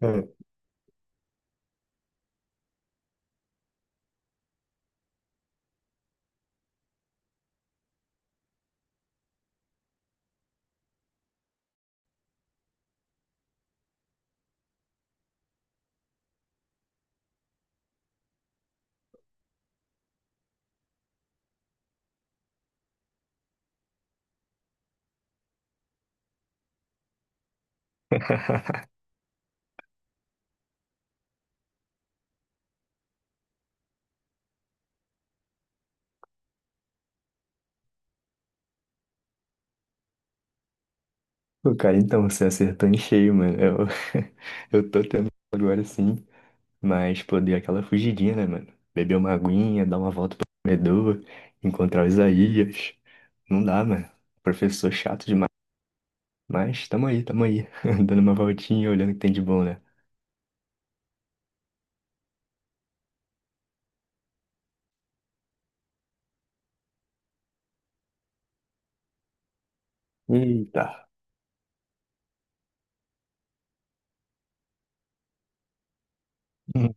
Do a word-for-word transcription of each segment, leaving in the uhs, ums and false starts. É. Pô, cara, então, você acertou em cheio, mano. Eu, eu tô tendo agora sim, mas pô, dei aquela fugidinha, né, mano? Beber uma aguinha, dar uma volta pro corredor, encontrar o Isaías. Não dá, mano. Professor chato demais. Mas tamo aí, tamo aí. Dando uma voltinha, olhando o que tem de bom, né? Eita. Hum.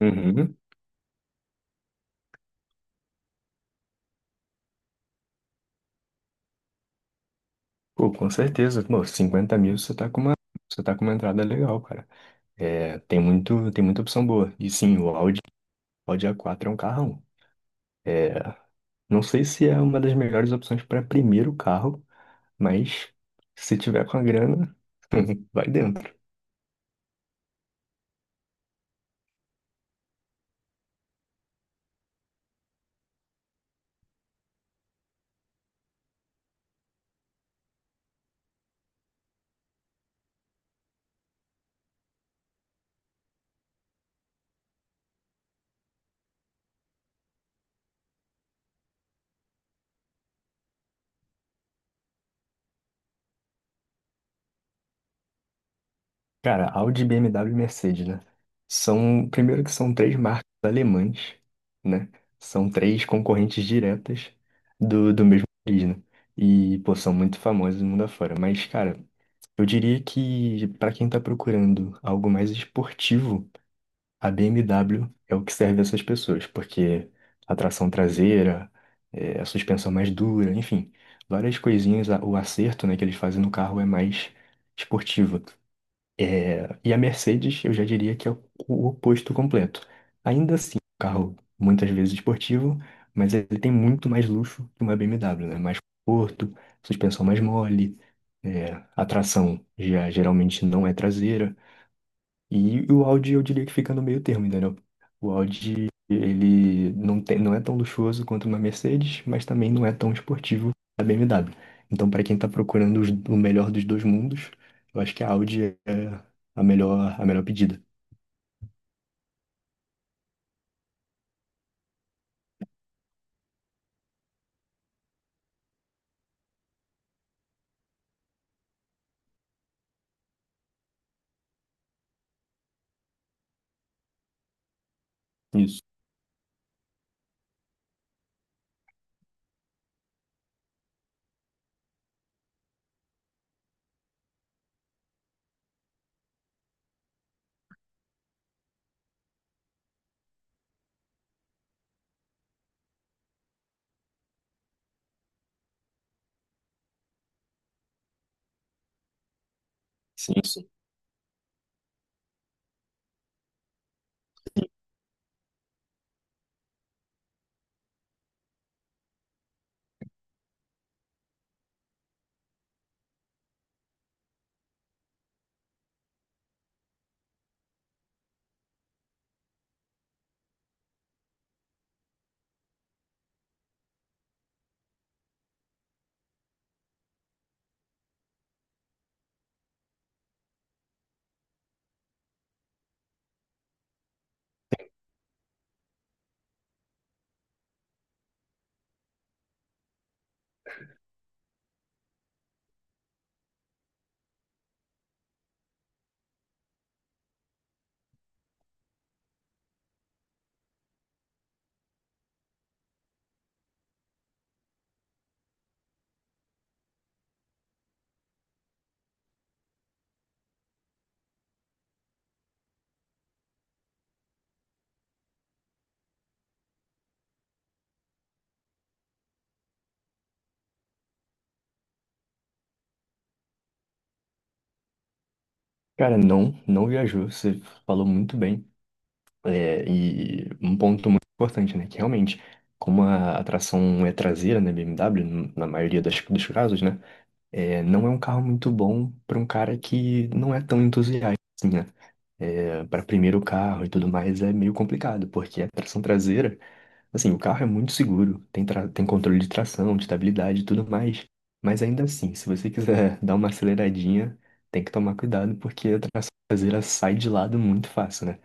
Uhum. Pô, com certeza. Pô, cinquenta mil você tá com uma, você tá com uma entrada legal, cara. É, tem muito, tem muita opção boa. E sim, o Audi, Audi a quatro é um carrão. É, não sei se é uma das melhores opções para primeiro carro, mas se tiver com a grana, vai dentro. Cara, Audi, B M W e Mercedes, né? São, primeiro que são três marcas alemãs, né? São três concorrentes diretas do, do mesmo país, né? E, pô, são muito famosas no mundo afora. Mas, cara, eu diria que para quem tá procurando algo mais esportivo, a B M W é o que serve a essas pessoas, porque a tração traseira, é, a suspensão mais dura, enfim, várias coisinhas, a- o acerto, né, que eles fazem no carro é mais esportivo. E a Mercedes, eu já diria que é o o oposto completo. Ainda assim, é um carro muitas vezes esportivo, mas ele tem muito mais luxo que uma B M W, né? Mais conforto, suspensão mais mole, é, a tração já geralmente não é traseira. E o Audi eu diria que fica no meio termo, entendeu? O Audi, ele não tem, não é tão luxuoso quanto uma Mercedes, mas também não é tão esportivo a B M W. Então, para quem está procurando os- o melhor dos dois mundos, eu acho que a Audi é a melhor, a melhor pedida. Isso. Sim, sim. Cara, não, não viajou, você falou muito bem. É, e um ponto muito importante, né? Que realmente, como a atração é traseira na B M W, na maioria das, dos casos, né? É, não é um carro muito bom para um cara que não é tão entusiasta, assim, né? É, para primeiro carro e tudo mais é meio complicado, porque a tração traseira, assim, o carro é muito seguro, tem, tra- tem controle de tração, de estabilidade e tudo mais. Mas ainda assim, se você quiser dar uma aceleradinha, tem que tomar cuidado, porque a tração traseira sai de lado muito fácil, né?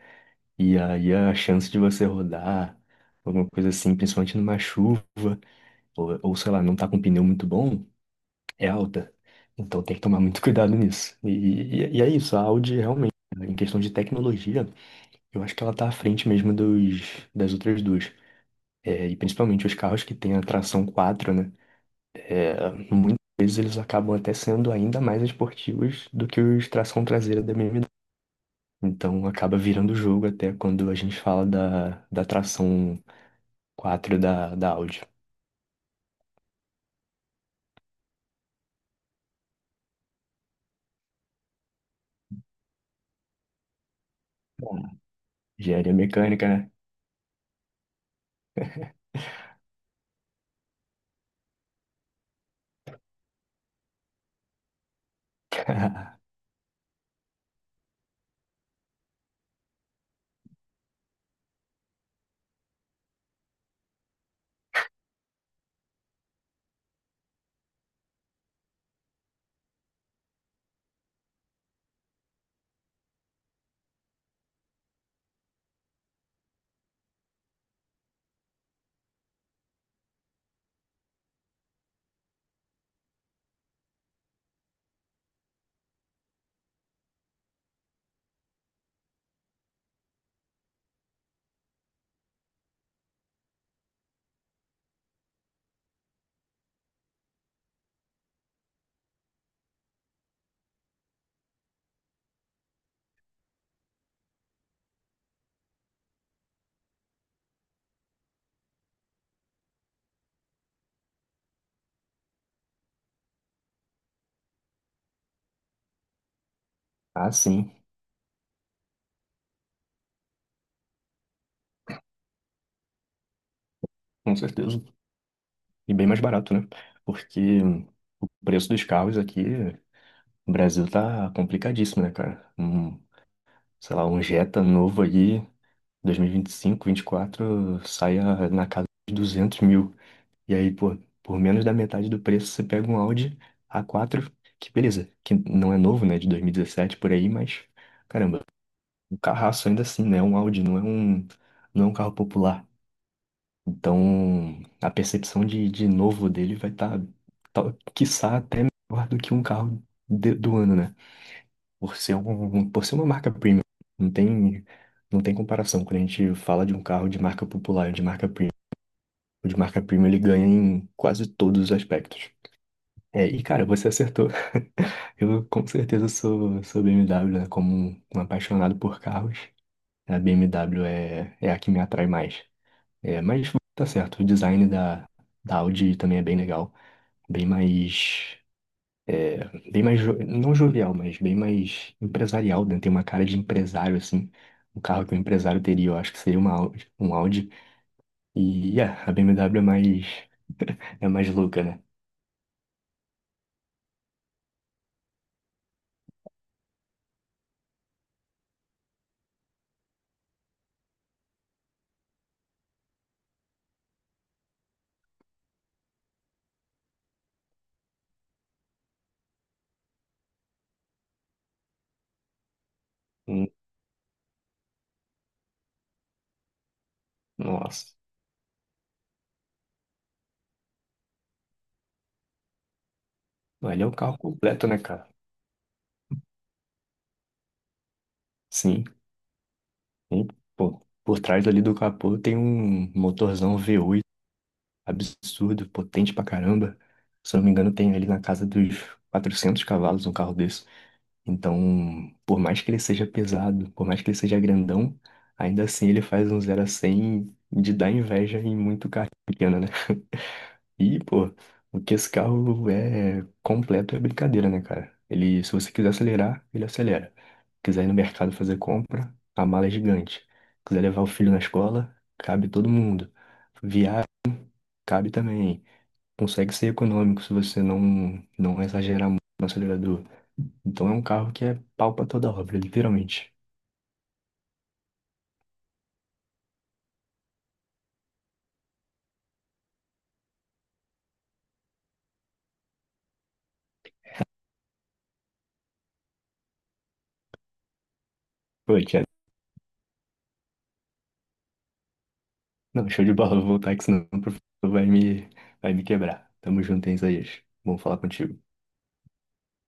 E aí a chance de você rodar, alguma coisa assim, principalmente numa chuva, ou, ou sei lá, não tá com pneu muito bom é alta. Então tem que tomar muito cuidado nisso. E, e- e é isso, a Audi realmente, né, em questão de tecnologia, eu acho que ela tá à frente mesmo dos, das outras duas. É, e principalmente os carros que têm a tração quatro, né? É, muitas vezes eles acabam até sendo ainda mais esportivos do que os tração traseira da B M W. Então acaba virando o jogo até quando a gente fala da, da tração quatro da, da Audi. Bom, engenharia mecânica, né? Ah, sim, com certeza. E bem mais barato, né? Porque o preço dos carros aqui no Brasil tá complicadíssimo, né, cara? Um, sei lá, um Jetta novo aí, dois mil e vinte e cinco, vinte e quatro, sai a- na casa de duzentos mil. E aí, pô, por menos da metade do preço, você pega um Audi A quatro, que beleza, que não é novo, né, de dois mil e dezessete por aí, mas caramba, um carraço ainda assim, né? Um Audi não é um, não é um carro popular. Então, a percepção de, de novo dele vai estar, tá, tá, quiçá, até melhor do que um carro de- do ano, né? Por ser um, um, por ser uma marca premium. Não tem, não tem comparação. Quando a gente fala de um carro de marca popular ou de marca premium, o de marca premium ele ganha em quase todos os aspectos. É, e cara, você acertou. Eu com certeza sou, sou B M W, né? Como um, um apaixonado por carros, a B M W é, é a que me atrai mais. É, mas tá certo. O design da, da Audi também é bem legal. Bem mais. É, bem mais. jo- Não jovial, mas bem mais empresarial, né? Tem uma cara de empresário, assim. Um carro que um empresário teria, eu acho que seria uma Audi, um Audi. E yeah, a B M W é mais. É mais louca, né? Hum, nossa. Ali é um carro completo, né, cara? Sim. E, pô, por trás ali do capô tem um motorzão V oito absurdo, potente pra caramba. Se eu não me engano, tem ali na casa dos quatrocentos cavalos um carro desse. Então, por mais que ele seja pesado, por mais que ele seja grandão, ainda assim ele faz um zero a cem de dar inveja em muito carro pequeno, né? E, pô, o que esse carro é completo é brincadeira, né, cara? Ele, se você quiser acelerar, ele acelera. Quiser ir no mercado fazer compra, a mala é gigante. Quiser levar o filho na escola, cabe todo mundo. Viagem cabe também. Consegue ser econômico se você não, não exagerar muito no acelerador. Então é um carro que é pau pra toda obra, literalmente. Pô, Thiago, não, show de bola, vou voltar que senão o professor vai me, vai me quebrar. Tamo junto, hein, Isaías? Bom falar contigo.